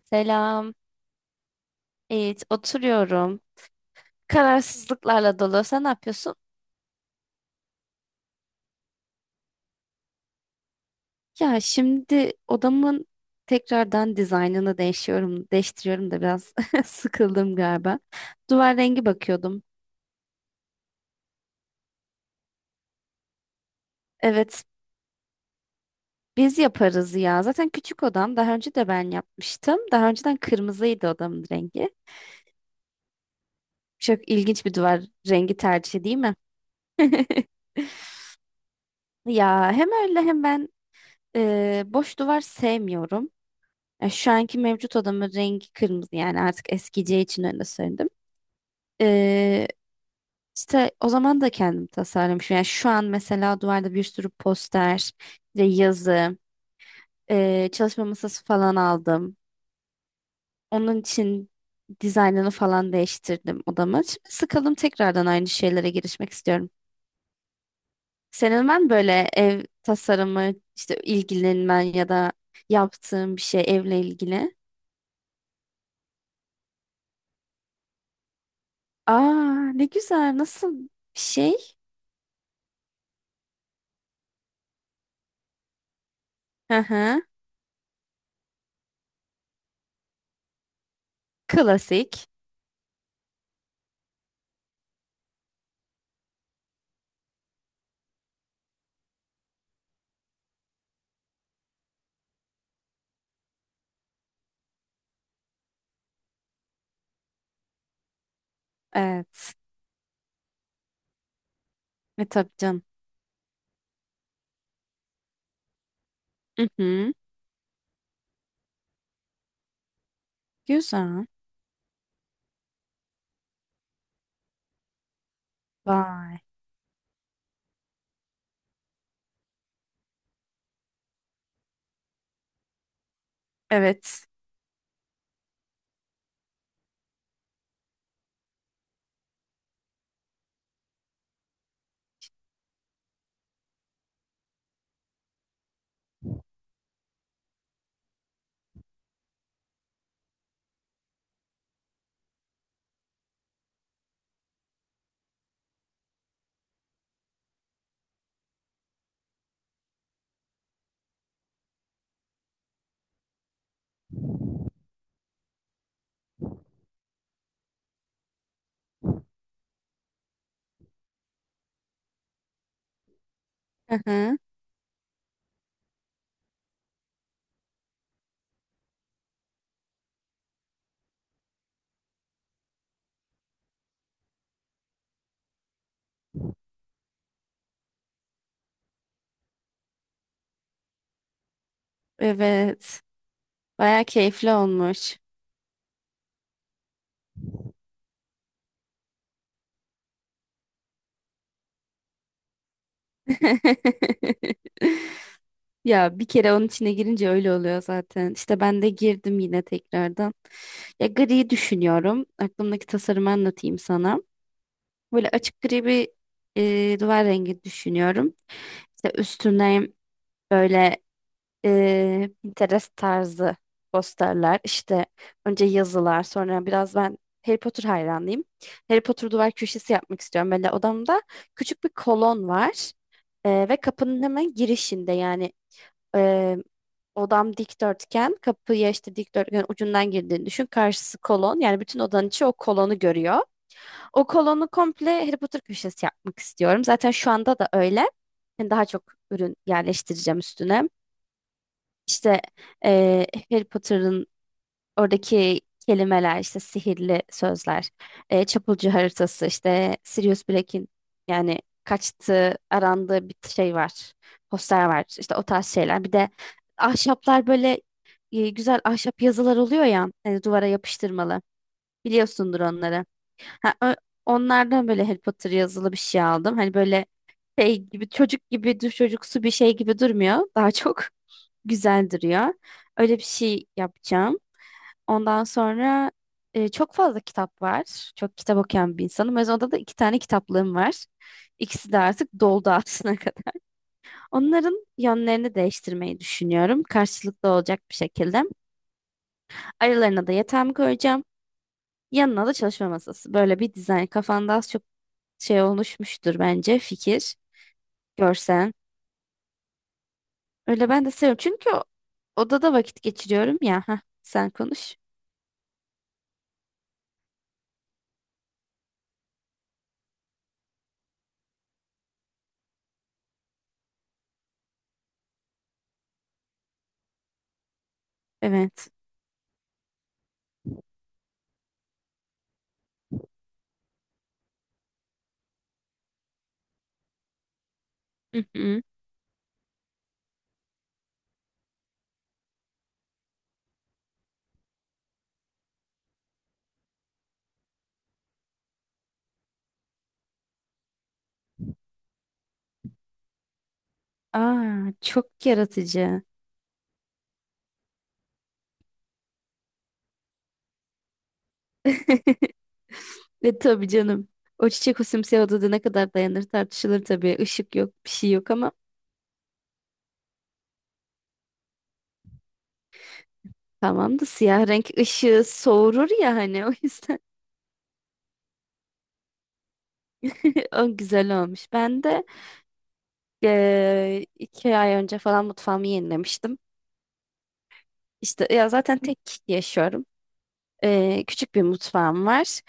Selam. Evet, oturuyorum. Kararsızlıklarla dolu. Sen ne yapıyorsun? Ya şimdi odamın tekrardan dizaynını değiştiriyorum da biraz sıkıldım galiba. Duvar rengi bakıyordum. Evet, biz yaparız ya. Zaten küçük odam. Daha önce de ben yapmıştım. Daha önceden kırmızıydı odamın rengi. Çok ilginç bir duvar rengi tercihi değil mi? Ya hem öyle hem ben boş duvar sevmiyorum. Ya şu anki mevcut odamın rengi kırmızı yani artık eskiyeceği için öyle söyledim. Ee, işte o zaman da kendim tasarlamışım. Yani şu an mesela duvarda bir sürü poster ve yazı, çalışma masası falan aldım. Onun için dizaynını falan değiştirdim odamı. Şimdi sıkıldım tekrardan aynı şeylere girişmek istiyorum. Senin var mı böyle ev tasarımı, işte ilgilenmen ya da yaptığın bir şey evle ilgili? Aa, ne güzel, nasıl bir şey? Hı hı. Klasik. Evet. Tabii canım. Hı hı. Güzel. Vay. Evet. Hı hı. Evet. Baya keyifli olmuş. Ya bir kere onun içine girince öyle oluyor zaten. İşte ben de girdim yine tekrardan. Ya gri düşünüyorum. Aklımdaki tasarımı anlatayım sana. Böyle açık gri bir duvar rengi düşünüyorum. İşte üstüne böyle Pinterest tarzı posterler. İşte önce yazılar, sonra biraz ben Harry Potter hayranıyım. Harry Potter duvar köşesi yapmak istiyorum. Böyle odamda küçük bir kolon var. Ve kapının hemen girişinde yani e, odam dikdörtgen, kapıya işte dikdörtgen ucundan girdiğini düşün. Karşısı kolon. Yani bütün odanın içi o kolonu görüyor. O kolonu komple Harry Potter köşesi yapmak istiyorum. Zaten şu anda da öyle. Yani daha çok ürün yerleştireceğim üstüne. İşte eee Harry Potter'ın oradaki kelimeler, işte sihirli sözler, çapulcu haritası, işte Sirius Black'in yani kaçtığı, arandığı bir şey var, poster var, işte o tarz şeyler. Bir de ahşaplar böyle güzel ahşap yazılar oluyor ya, duvara yapıştırmalı. Biliyorsundur onları. Ha, onlardan böyle Harry Potter yazılı bir şey aldım. Hani böyle şey gibi çocuk gibi dur çocuksu bir şey gibi durmuyor. Daha çok güzel duruyor. Öyle bir şey yapacağım. Ondan sonra çok fazla kitap var. Çok kitap okuyan bir insanım. O yüzden odada da iki tane kitaplığım var. İkisi de artık doldu aslına kadar. Onların yönlerini değiştirmeyi düşünüyorum. Karşılıklı olacak bir şekilde. Aralarına da yatağımı koyacağım. Yanına da çalışma masası. Böyle bir dizayn. Kafanda az çok şey oluşmuştur bence fikir. Görsen. Öyle ben de seviyorum. Çünkü odada vakit geçiriyorum ya. Heh, sen konuş. Evet. Hı hı. Aa, çok yaratıcı. Ve tabii canım. O çiçek o simsiyah odada ne kadar dayanır tartışılır tabii. Işık yok, bir şey yok ama tamam da siyah renk ışığı soğurur ya hani o yüzden o güzel olmuş. Ben de 2 ay önce falan mutfağımı yenilemiştim. İşte ya zaten tek yaşıyorum. Küçük bir mutfağım var.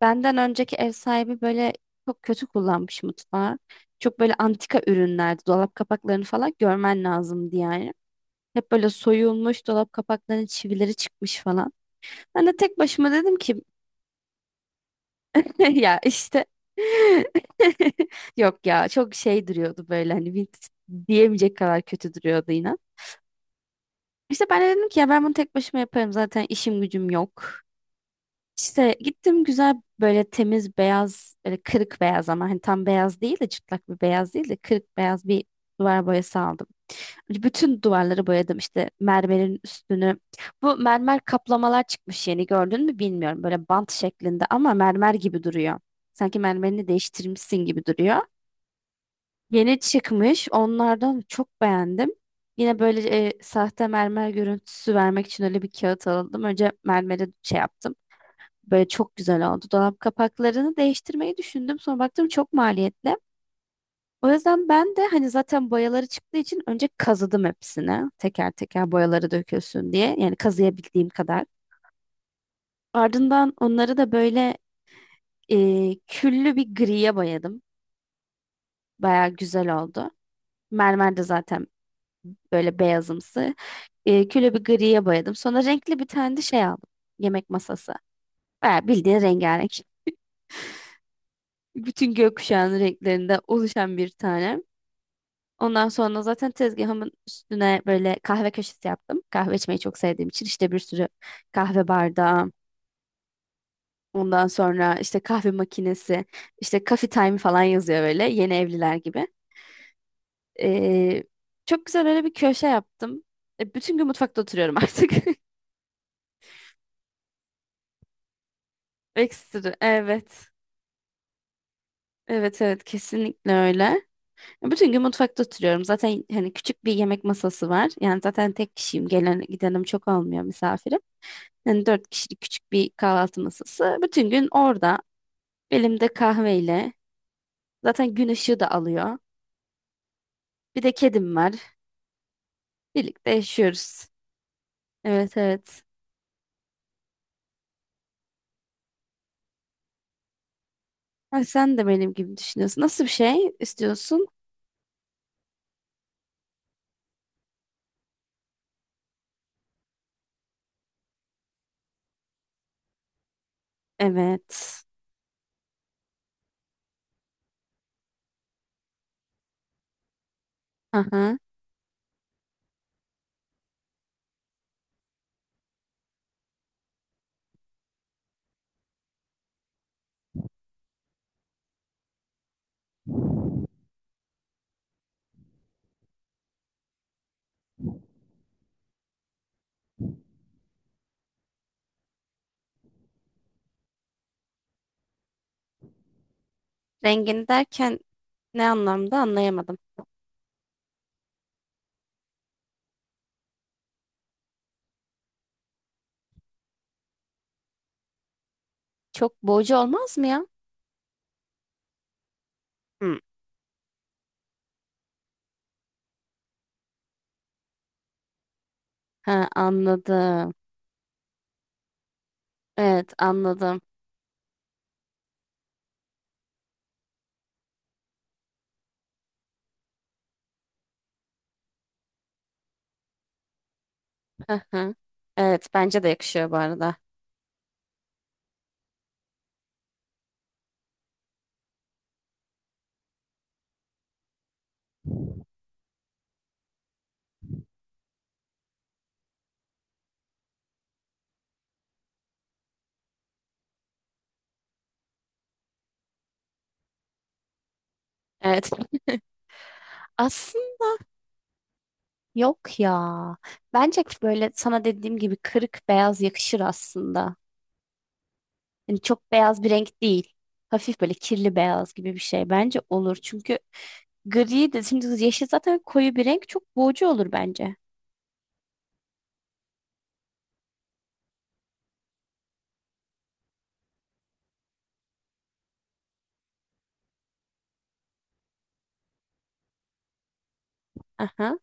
Benden önceki ev sahibi böyle çok kötü kullanmış mutfağı. Çok böyle antika ürünlerdi. Dolap kapaklarını falan görmen lazımdı yani. Hep böyle soyulmuş dolap kapaklarının çivileri çıkmış falan. Ben de tek başıma dedim ki ya işte yok ya çok şey duruyordu böyle hani vintage diyemeyecek kadar kötü duruyordu inan. İşte ben de dedim ki ya ben bunu tek başıma yaparım zaten işim gücüm yok. İşte gittim güzel böyle temiz beyaz böyle kırık beyaz ama hani tam beyaz değil de çıtlak bir beyaz değil de kırık beyaz bir duvar boyası aldım. Bütün duvarları boyadım işte mermerin üstünü. Bu mermer kaplamalar çıkmış yeni gördün mü bilmiyorum böyle bant şeklinde ama mermer gibi duruyor. Sanki mermerini değiştirmişsin gibi duruyor. Yeni çıkmış onlardan çok beğendim. Yine böyle sahte mermer görüntüsü vermek için öyle bir kağıt aldım. Önce mermere şey yaptım. Böyle çok güzel oldu. Dolap kapaklarını değiştirmeyi düşündüm. Sonra baktım çok maliyetli. O yüzden ben de hani zaten boyaları çıktığı için önce kazıdım hepsini. Teker teker boyaları dökülsün diye. Yani kazıyabildiğim kadar. Ardından onları da böyle küllü bir griye boyadım. Baya güzel oldu. Mermer de zaten böyle beyazımsı. Küllü bir griye boyadım. Sonra renkli bir tane de şey aldım. Yemek masası. Baya bildiğin rengarenk. Bütün gökkuşağının renklerinde oluşan bir tane. Ondan sonra zaten tezgahımın üstüne böyle kahve köşesi yaptım. Kahve içmeyi çok sevdiğim için işte bir sürü kahve bardağı, ondan sonra işte kahve makinesi, işte coffee time falan yazıyor böyle yeni evliler gibi. Ee, çok güzel öyle bir köşe yaptım. Bütün gün mutfakta oturuyorum artık. Ekstra. Evet. Evet, evet, kesinlikle öyle. Bütün gün mutfakta oturuyorum. Zaten hani küçük bir yemek masası var. Yani zaten tek kişiyim. Gelen gidenim çok olmuyor misafirim. Yani dört kişilik küçük bir kahvaltı masası. Bütün gün orada elimde kahveyle. Zaten gün ışığı da alıyor. Bir de kedim var. Birlikte yaşıyoruz. Evet, evet. Ha, sen de benim gibi düşünüyorsun. Nasıl bir şey istiyorsun? Evet. Aha. Rengini derken ne anlamda anlayamadım. Çok boğucu olmaz mı ya? Hı. Ha, anladım. Evet, anladım. Hı hı. Evet, bence de yakışıyor bu arada. Evet. Aslında yok ya. Bence böyle sana dediğim gibi kırık beyaz yakışır aslında. Yani çok beyaz bir renk değil. Hafif böyle kirli beyaz gibi bir şey bence olur. Çünkü gri de şimdi yeşil zaten koyu bir renk çok boğucu olur bence. Aha.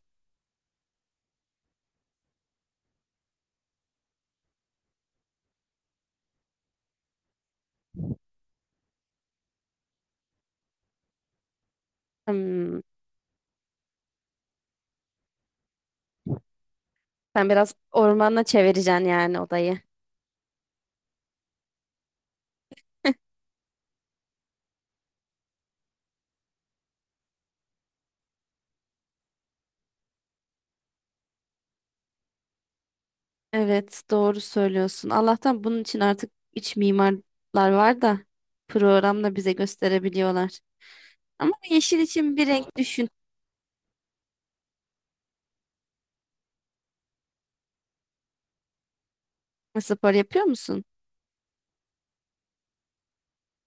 Hmm. Sen biraz ormana çevireceksin yani odayı. Evet, doğru söylüyorsun. Allah'tan bunun için artık iç mimarlar var da programla bize gösterebiliyorlar. Ama yeşil için bir renk düşün. Spor yapıyor musun?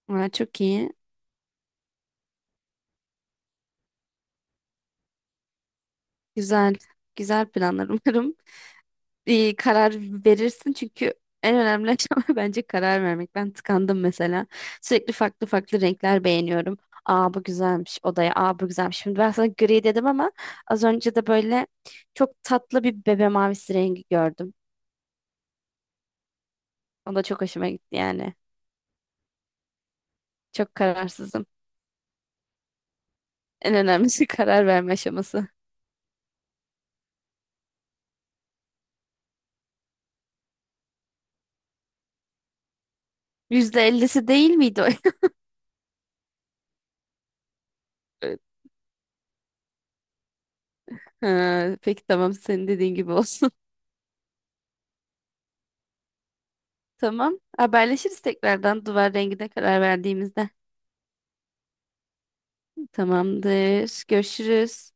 Aa, çok iyi. Güzel. Güzel planlar umarım. İyi karar verirsin çünkü en önemli aşama bence karar vermek. Ben tıkandım mesela. Sürekli farklı farklı renkler beğeniyorum. Aa, bu güzelmiş odaya. Aa, bu güzelmiş. Şimdi ben sana gri dedim ama az önce de böyle çok tatlı bir bebe mavisi rengi gördüm. O da çok hoşuma gitti yani. Çok kararsızım. En önemlisi karar verme aşaması. %50'si değil miydi o? Ha, peki tamam, senin dediğin gibi olsun. Tamam. Haberleşiriz tekrardan duvar rengine karar verdiğimizde. Tamamdır. Görüşürüz.